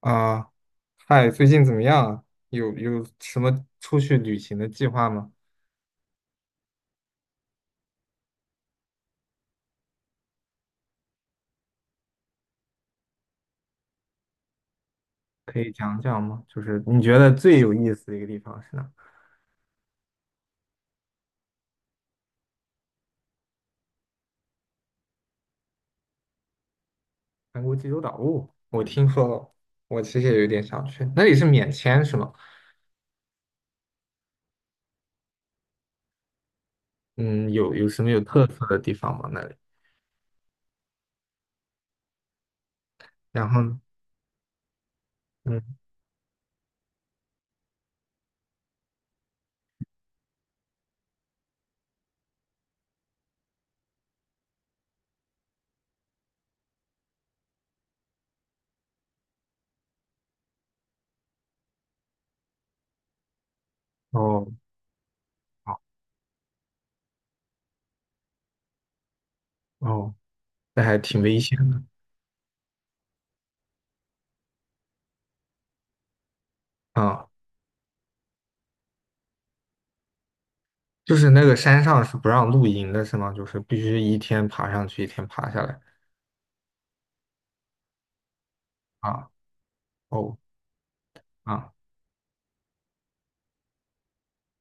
啊，嗨，最近怎么样啊？有什么出去旅行的计划吗？可以讲讲吗？就是你觉得最有意思的一个地方是哪？韩国济州岛，哦，我听说了，我其实也有点想去。那里是免签是吗？嗯，有什么有特色的地方吗？那里？然后呢，嗯，哦，好，哦，那还挺危险的啊。就是那个山上是不让露营的，是吗？就是必须一天爬上去，一天爬下来啊。哦，啊，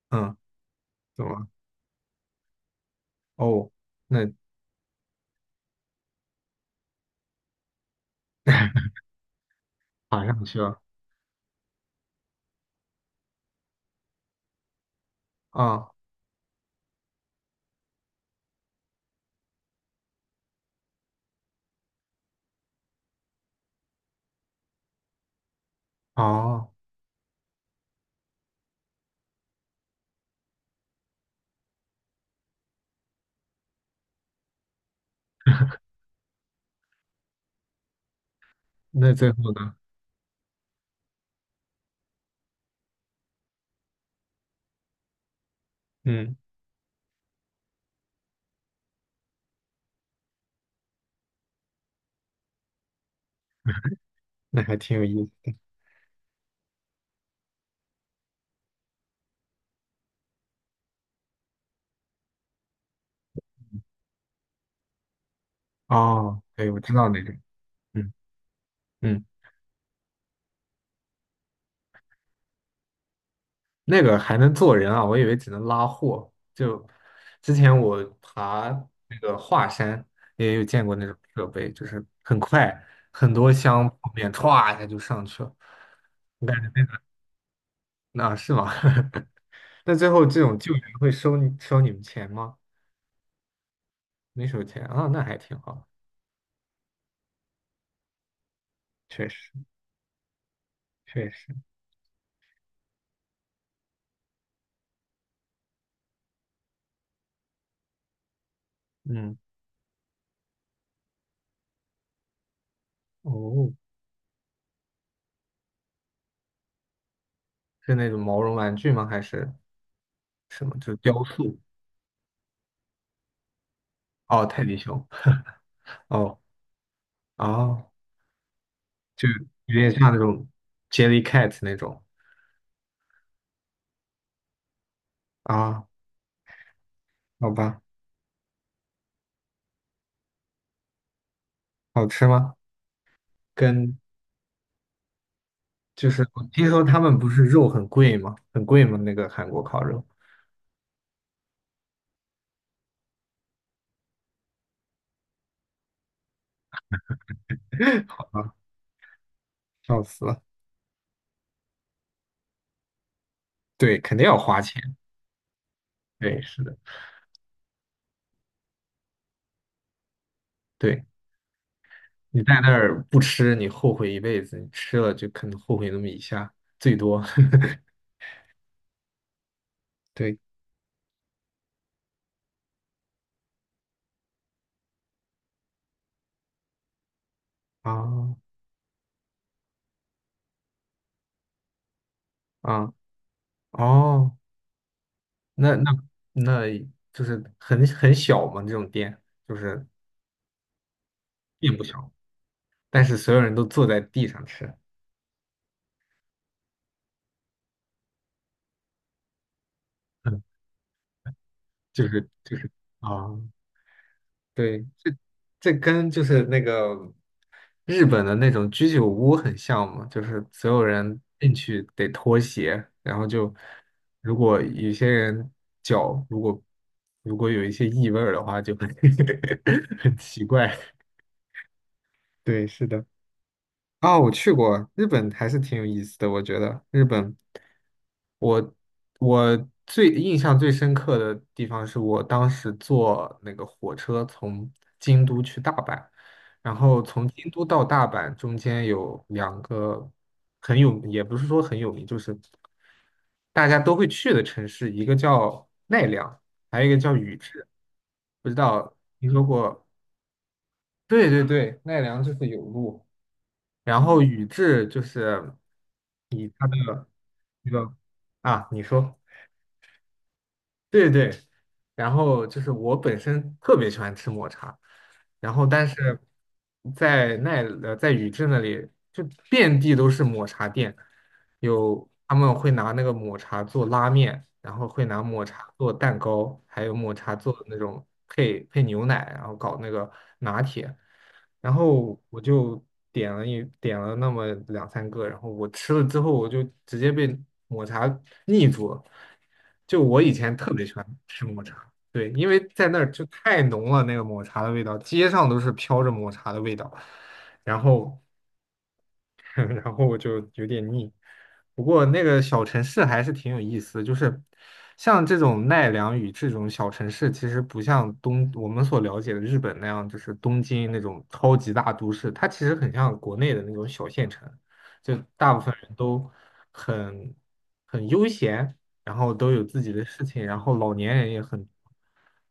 嗯。怎么？哦，那爬上去了啊，哦，那最后呢？嗯，那还挺有意思。哦，对，我知道那个，嗯嗯，那个还能坐人啊，我以为只能拉货。就之前我爬那个华山，也有见过那种设备，就是很快，很多箱泡面歘一下就上去了。那那是吗？那最后这种救援会收你们钱吗？没收钱啊，那还挺好，确实确实，嗯。哦，是那种毛绒玩具吗？还是什么？就是雕塑？哦，泰迪熊。哦，哦，就有点像那种 Jellycat 那种啊？好吧，好吃吗？跟就是我听说他们不是肉很贵吗？很贵吗？那个韩国烤肉？好吧，笑死了。对，肯定要花钱。对，是的，对你在那儿不吃，你后悔一辈子；你吃了，就可能后悔那么一下，最多。对啊啊哦。那那那就是很小嘛，这种店就是并不小，但是所有人都坐在地上吃，嗯，就是啊，对，这跟就是那个日本的那种居酒屋很像嘛，就是所有人进去得脱鞋，然后就如果有些人脚如果有一些异味儿的话，就很 很奇怪，对，是的。啊，我去过日本，还是挺有意思的。我觉得日本，我我最印象最深刻的地方是我当时坐那个火车从京都去大阪，然后从京都到大阪中间有两个很有，也不是说很有名，就是大家都会去的城市，一个叫奈良，还有一个叫宇治。不知道听说过？对对对，奈良就是有路。然后宇智就是以他的这个啊，你说对对，然后就是我本身特别喜欢吃抹茶，然后但是在宇智那里就遍地都是抹茶店，有他们会拿那个抹茶做拉面，然后会拿抹茶做蛋糕，还有抹茶做那种配牛奶，然后搞那个拿铁。然后我就点了那么两三个，然后我吃了之后，我就直接被抹茶腻住了。就我以前特别喜欢吃抹茶，对，因为在那儿就太浓了，那个抹茶的味道，街上都是飘着抹茶的味道。然后 然后我就有点腻。不过那个小城市还是挺有意思的，就是像这种奈良与这种小城市，其实不像我们所了解的日本那样，就是东京那种超级大都市，它其实很像国内的那种小县城，就大部分人都很很悠闲，然后都有自己的事情，然后老年人也很，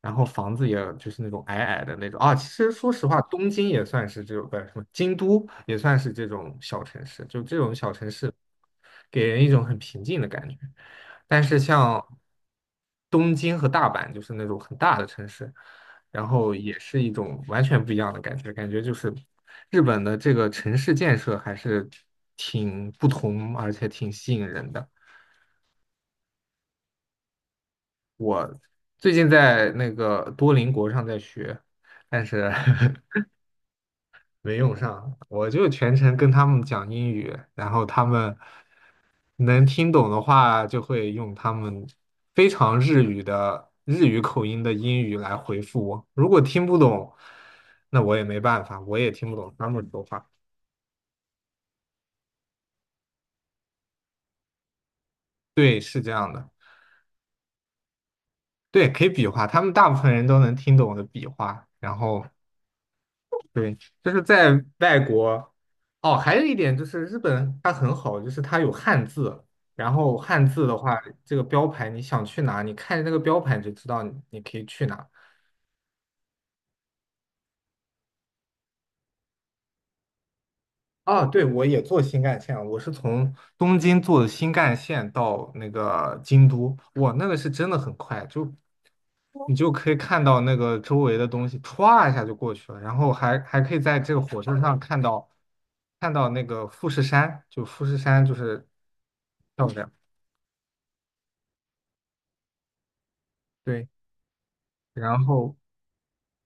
然后房子也就是那种矮矮的那种啊。其实说实话，东京也算是这种，不是什么京都也算是这种小城市，就这种小城市给人一种很平静的感觉。但是像东京和大阪，就是那种很大的城市，然后也是一种完全不一样的感觉，感觉就是日本的这个城市建设还是挺不同，而且挺吸引人的。最近在那个多邻国上在学，但是 没用上。我就全程跟他们讲英语，然后他们能听懂的话，就会用他们非常日语的日语口音的英语来回复我。如果听不懂，那我也没办法，我也听不懂他们说话。对，是这样的。对，可以比划，他们大部分人都能听懂我的比划，然后对，就是在外国，哦，还有一点就是日本它很好，就是它有汉字，然后汉字的话，这个标牌你想去哪，你看着那个标牌你就知道你可以去哪。哦，对，我也坐新干线了我是从东京坐的新干线到那个京都，哇，那个是真的很快，就你就可以看到那个周围的东西歘一下就过去了，然后还可以在这个火车上看到那个富士山，就富士山就是漂亮，对，然后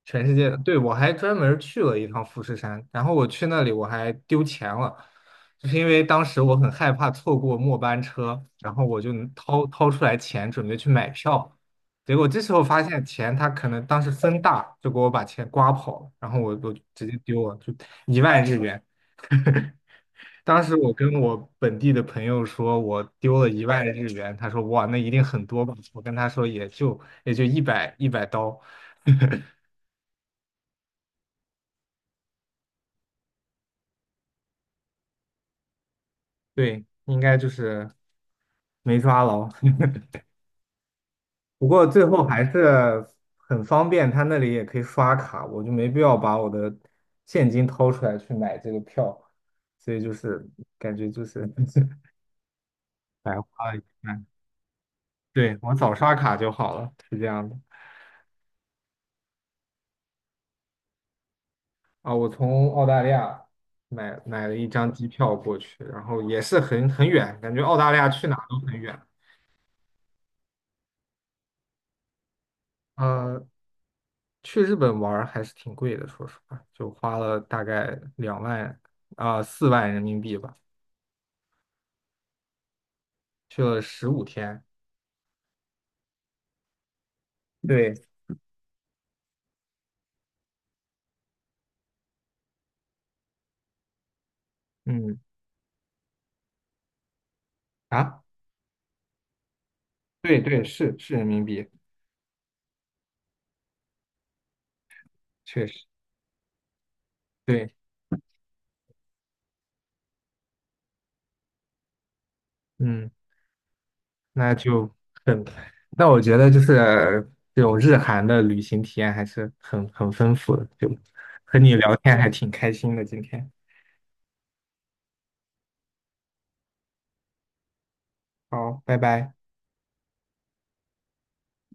全世界的，对，我还专门儿去了一趟富士山，然后我去那里我还丢钱了，就是因为当时我很害怕错过末班车，然后我就掏出来钱准备去买票，结果这时候发现钱他可能当时风大，就给我把钱刮跑了，然后我就直接丢了，就一万日元。当时我跟我本地的朋友说，我丢了一万日元，他说哇，那一定很多吧？我跟他说也就一百刀。对，应该就是没抓牢。不过最后还是很方便，他那里也可以刷卡，我就没必要把我的现金掏出来去买这个票，所以就是感觉就是 白花了一半。对，我早刷卡就好了，是这样的。啊，我从澳大利亚买了一张机票过去，然后也是很远，感觉澳大利亚去哪都很远。嗯。去日本玩儿还是挺贵的，说实话，就花了大概2万啊4万人民币吧，去了15天。对，嗯，啊，对对，是人民币，确实，对，嗯，那就很，那我觉得就是这种日韩的旅行体验还是很丰富的，就和你聊天还挺开心的，今天，好，拜拜。